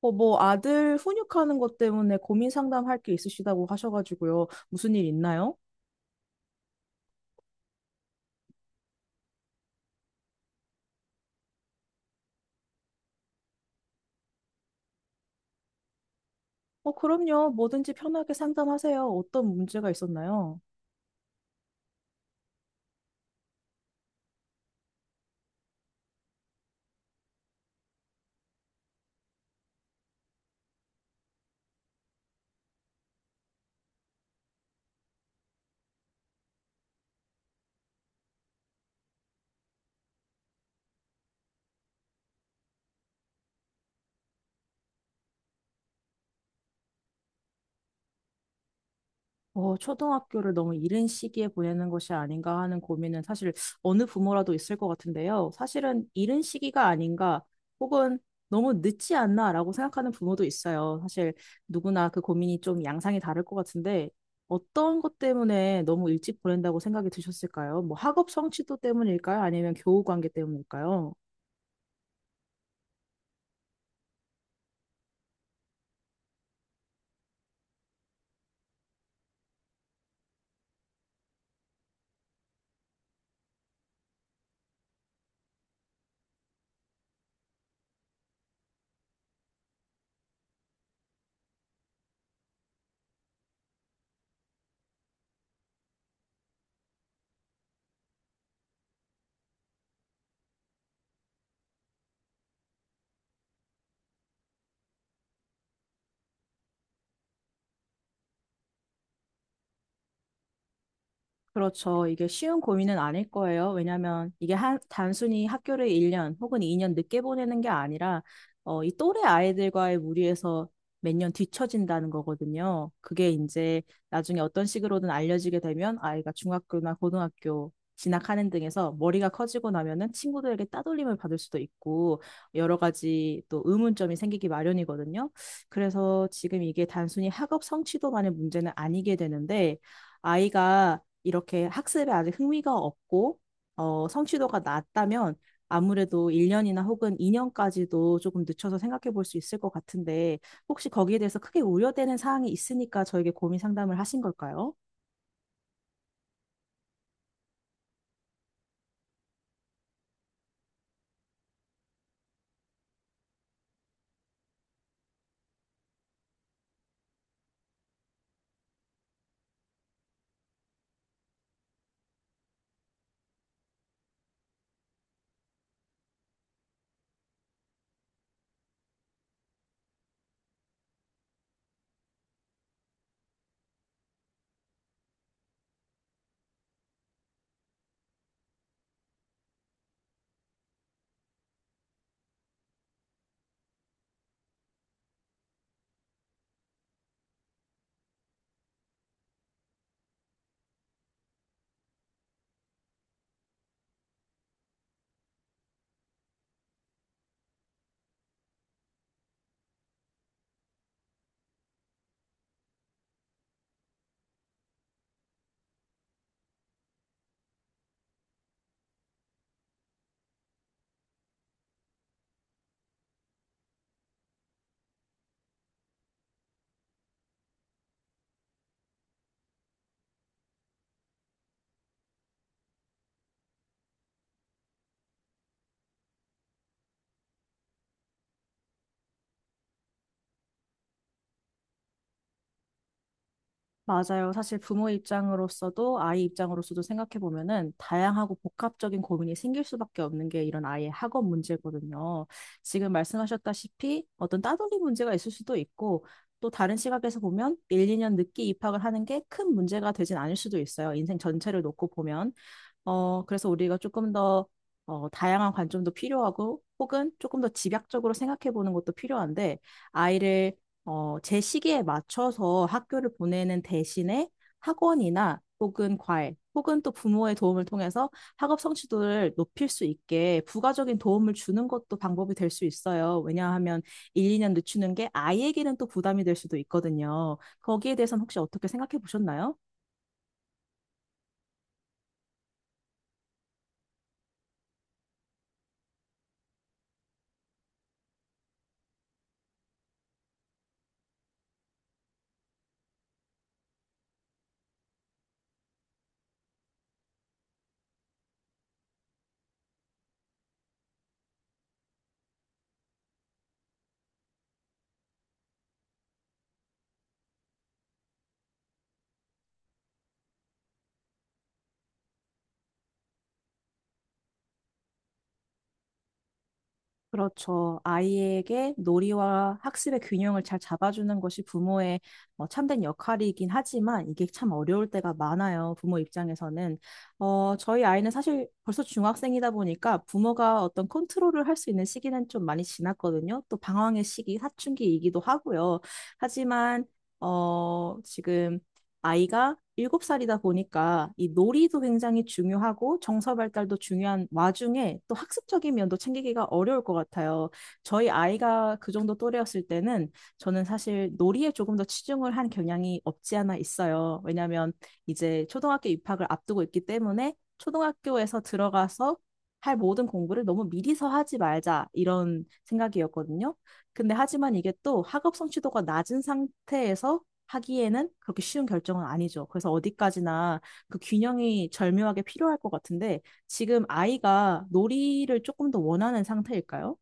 아들 훈육하는 것 때문에 고민 상담할 게 있으시다고 하셔가지고요. 무슨 일 있나요? 그럼요. 뭐든지 편하게 상담하세요. 어떤 문제가 있었나요? 초등학교를 너무 이른 시기에 보내는 것이 아닌가 하는 고민은 사실 어느 부모라도 있을 것 같은데요. 사실은 이른 시기가 아닌가 혹은 너무 늦지 않나라고 생각하는 부모도 있어요. 사실 누구나 그 고민이 좀 양상이 다를 것 같은데 어떤 것 때문에 너무 일찍 보낸다고 생각이 드셨을까요? 뭐 학업 성취도 때문일까요? 아니면 교우 관계 때문일까요? 그렇죠. 이게 쉬운 고민은 아닐 거예요. 왜냐하면 단순히 학교를 1년 혹은 2년 늦게 보내는 게 아니라 이 또래 아이들과의 무리에서 몇 년 뒤처진다는 거거든요. 그게 이제 나중에 어떤 식으로든 알려지게 되면 아이가 중학교나 고등학교 진학하는 등에서 머리가 커지고 나면은 친구들에게 따돌림을 받을 수도 있고 여러 가지 또 의문점이 생기기 마련이거든요. 그래서 지금 이게 단순히 학업 성취도만의 문제는 아니게 되는데 아이가 이렇게 학습에 아직 흥미가 없고 성취도가 낮다면 아무래도 1년이나 혹은 2년까지도 조금 늦춰서 생각해 볼 수 있을 것 같은데 혹시 거기에 대해서 크게 우려되는 사항이 있으니까 저에게 고민 상담을 하신 걸까요? 맞아요. 사실 부모 입장으로서도 아이 입장으로서도 생각해 보면은 다양하고 복합적인 고민이 생길 수밖에 없는 게 이런 아이의 학업 문제거든요. 지금 말씀하셨다시피 어떤 따돌이 문제가 있을 수도 있고 또 다른 시각에서 보면 1, 2년 늦게 입학을 하는 게 큰 문제가 되진 않을 수도 있어요. 인생 전체를 놓고 보면. 그래서 우리가 조금 더 다양한 관점도 필요하고 혹은 조금 더 집약적으로 생각해 보는 것도 필요한데 아이를 제 시기에 맞춰서 학교를 보내는 대신에 학원이나 혹은 과외 혹은 또 부모의 도움을 통해서 학업 성취도를 높일 수 있게 부가적인 도움을 주는 것도 방법이 될 수 있어요. 왜냐하면 1, 2년 늦추는 게 아이에게는 또 부담이 될 수도 있거든요. 거기에 대해서는 혹시 어떻게 생각해 보셨나요? 그렇죠. 아이에게 놀이와 학습의 균형을 잘 잡아주는 것이 부모의 참된 역할이긴 하지만 이게 참 어려울 때가 많아요. 부모 입장에서는. 저희 아이는 사실 벌써 중학생이다 보니까 부모가 어떤 컨트롤을 할 수 있는 시기는 좀 많이 지났거든요. 또 방황의 시기, 사춘기이기도 하고요. 하지만 지금 아이가 7살이다 보니까 이 놀이도 굉장히 중요하고 정서 발달도 중요한 와중에 또 학습적인 면도 챙기기가 어려울 것 같아요. 저희 아이가 그 정도 또래였을 때는 저는 사실 놀이에 조금 더 치중을 한 경향이 없지 않아 있어요. 왜냐하면 이제 초등학교 입학을 앞두고 있기 때문에 초등학교에서 들어가서 할 모든 공부를 너무 미리서 하지 말자 이런 생각이었거든요. 근데 하지만 이게 또 학업 성취도가 낮은 상태에서 하기에는 그렇게 쉬운 결정은 아니죠. 그래서 어디까지나 그 균형이 절묘하게 필요할 것 같은데 지금 아이가 놀이를 조금 더 원하는 상태일까요?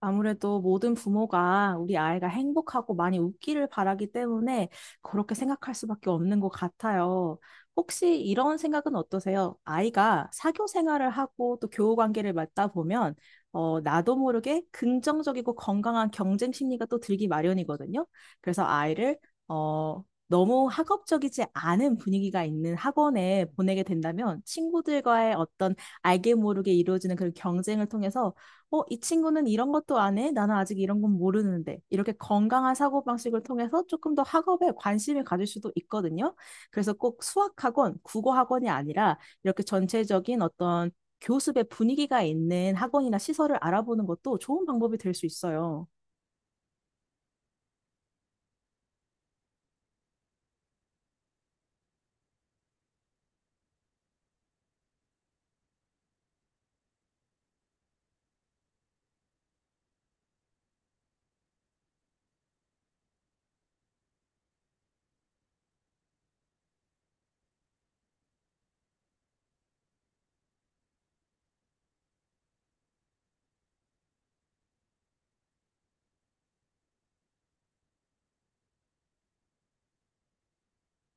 아무래도 모든 부모가 우리 아이가 행복하고 많이 웃기를 바라기 때문에 그렇게 생각할 수밖에 없는 것 같아요. 혹시 이런 생각은 어떠세요? 아이가 사교 생활을 하고 또 교우 관계를 맡다 보면 나도 모르게 긍정적이고 건강한 경쟁 심리가 또 들기 마련이거든요. 그래서 아이를 어, 너무 학업적이지 않은 분위기가 있는 학원에 보내게 된다면 친구들과의 어떤 알게 모르게 이루어지는 그런 경쟁을 통해서 이 친구는 이런 것도 안 해? 나는 아직 이런 건 모르는데. 이렇게 건강한 사고방식을 통해서 조금 더 학업에 관심을 가질 수도 있거든요. 그래서 꼭 수학학원, 국어학원이 아니라 이렇게 전체적인 어떤 교습의 분위기가 있는 학원이나 시설을 알아보는 것도 좋은 방법이 될 수 있어요.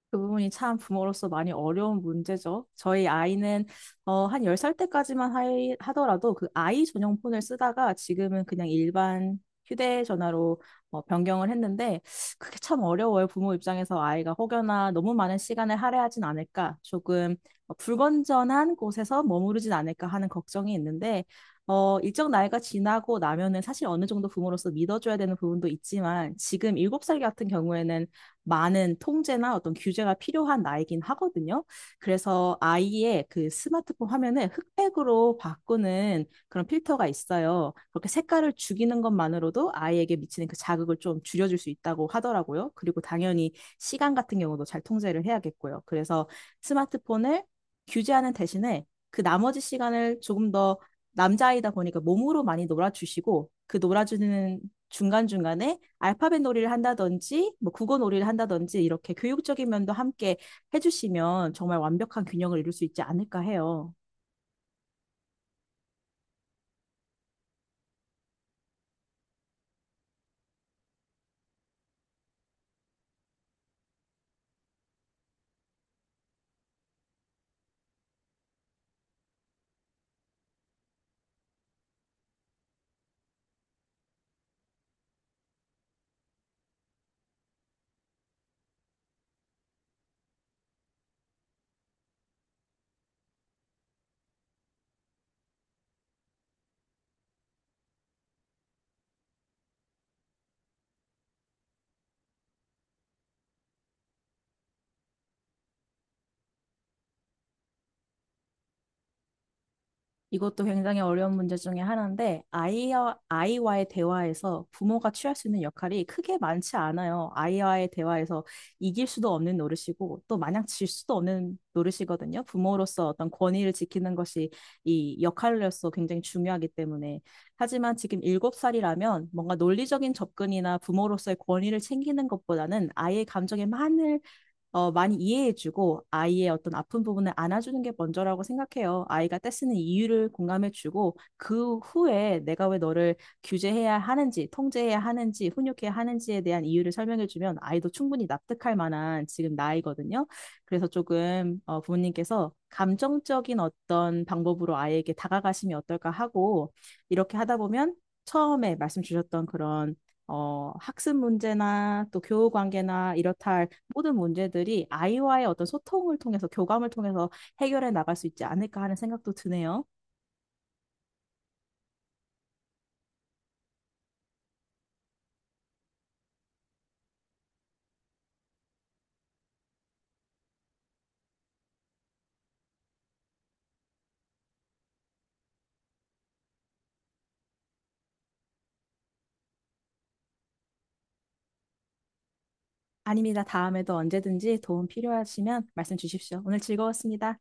그 부분이 참 부모로서 많이 어려운 문제죠. 저희 아이는 한 10살 때까지만 하더라도 그 아이 전용 폰을 쓰다가 지금은 그냥 일반 휴대전화로 변경을 했는데 그게 참 어려워요. 부모 입장에서 아이가 혹여나 너무 많은 시간을 할애하진 않을까, 조금 불건전한 곳에서 머무르진 않을까 하는 걱정이 있는데 일정 나이가 지나고 나면은 사실 어느 정도 부모로서 믿어줘야 되는 부분도 있지만 지금 7살 같은 경우에는 많은 통제나 어떤 규제가 필요한 나이긴 하거든요. 그래서 아이의 그 스마트폰 화면을 흑백으로 바꾸는 그런 필터가 있어요. 그렇게 색깔을 죽이는 것만으로도 아이에게 미치는 그 자극을 좀 줄여줄 수 있다고 하더라고요. 그리고 당연히 시간 같은 경우도 잘 통제를 해야겠고요. 그래서 스마트폰을 규제하는 대신에 그 나머지 시간을 조금 더 남자아이다 보니까 몸으로 많이 놀아주시고 그 놀아주는 중간중간에 알파벳 놀이를 한다든지 뭐 국어 놀이를 한다든지 이렇게 교육적인 면도 함께 해주시면 정말 완벽한 균형을 이룰 수 있지 않을까 해요. 이것도 굉장히 어려운 문제 중에 하나인데, 아이와의 대화에서 부모가 취할 수 있는 역할이 크게 많지 않아요. 아이와의 대화에서 이길 수도 없는 노릇이고, 또 마냥 질 수도 없는 노릇이거든요. 부모로서 어떤 권위를 지키는 것이 이 역할로서 굉장히 중요하기 때문에. 하지만 지금 일곱 살이라면 뭔가 논리적인 접근이나 부모로서의 권위를 챙기는 것보다는 아이의 감정에 많은 많이 이해해주고 아이의 어떤 아픈 부분을 안아주는 게 먼저라고 생각해요. 아이가 떼쓰는 이유를 공감해주고 그 후에 내가 왜 너를 규제해야 하는지, 통제해야 하는지, 훈육해야 하는지에 대한 이유를 설명해주면 아이도 충분히 납득할 만한 지금 나이거든요. 그래서 조금 부모님께서 감정적인 어떤 방법으로 아이에게 다가가시면 어떨까 하고 이렇게 하다 보면 처음에 말씀 주셨던 그런 학습 문제나 또 교우 관계나 이렇다 할 모든 문제들이 아이와의 어떤 소통을 통해서 교감을 통해서 해결해 나갈 수 있지 않을까 하는 생각도 드네요. 아닙니다. 다음에도 언제든지 도움 필요하시면 말씀 주십시오. 오늘 즐거웠습니다.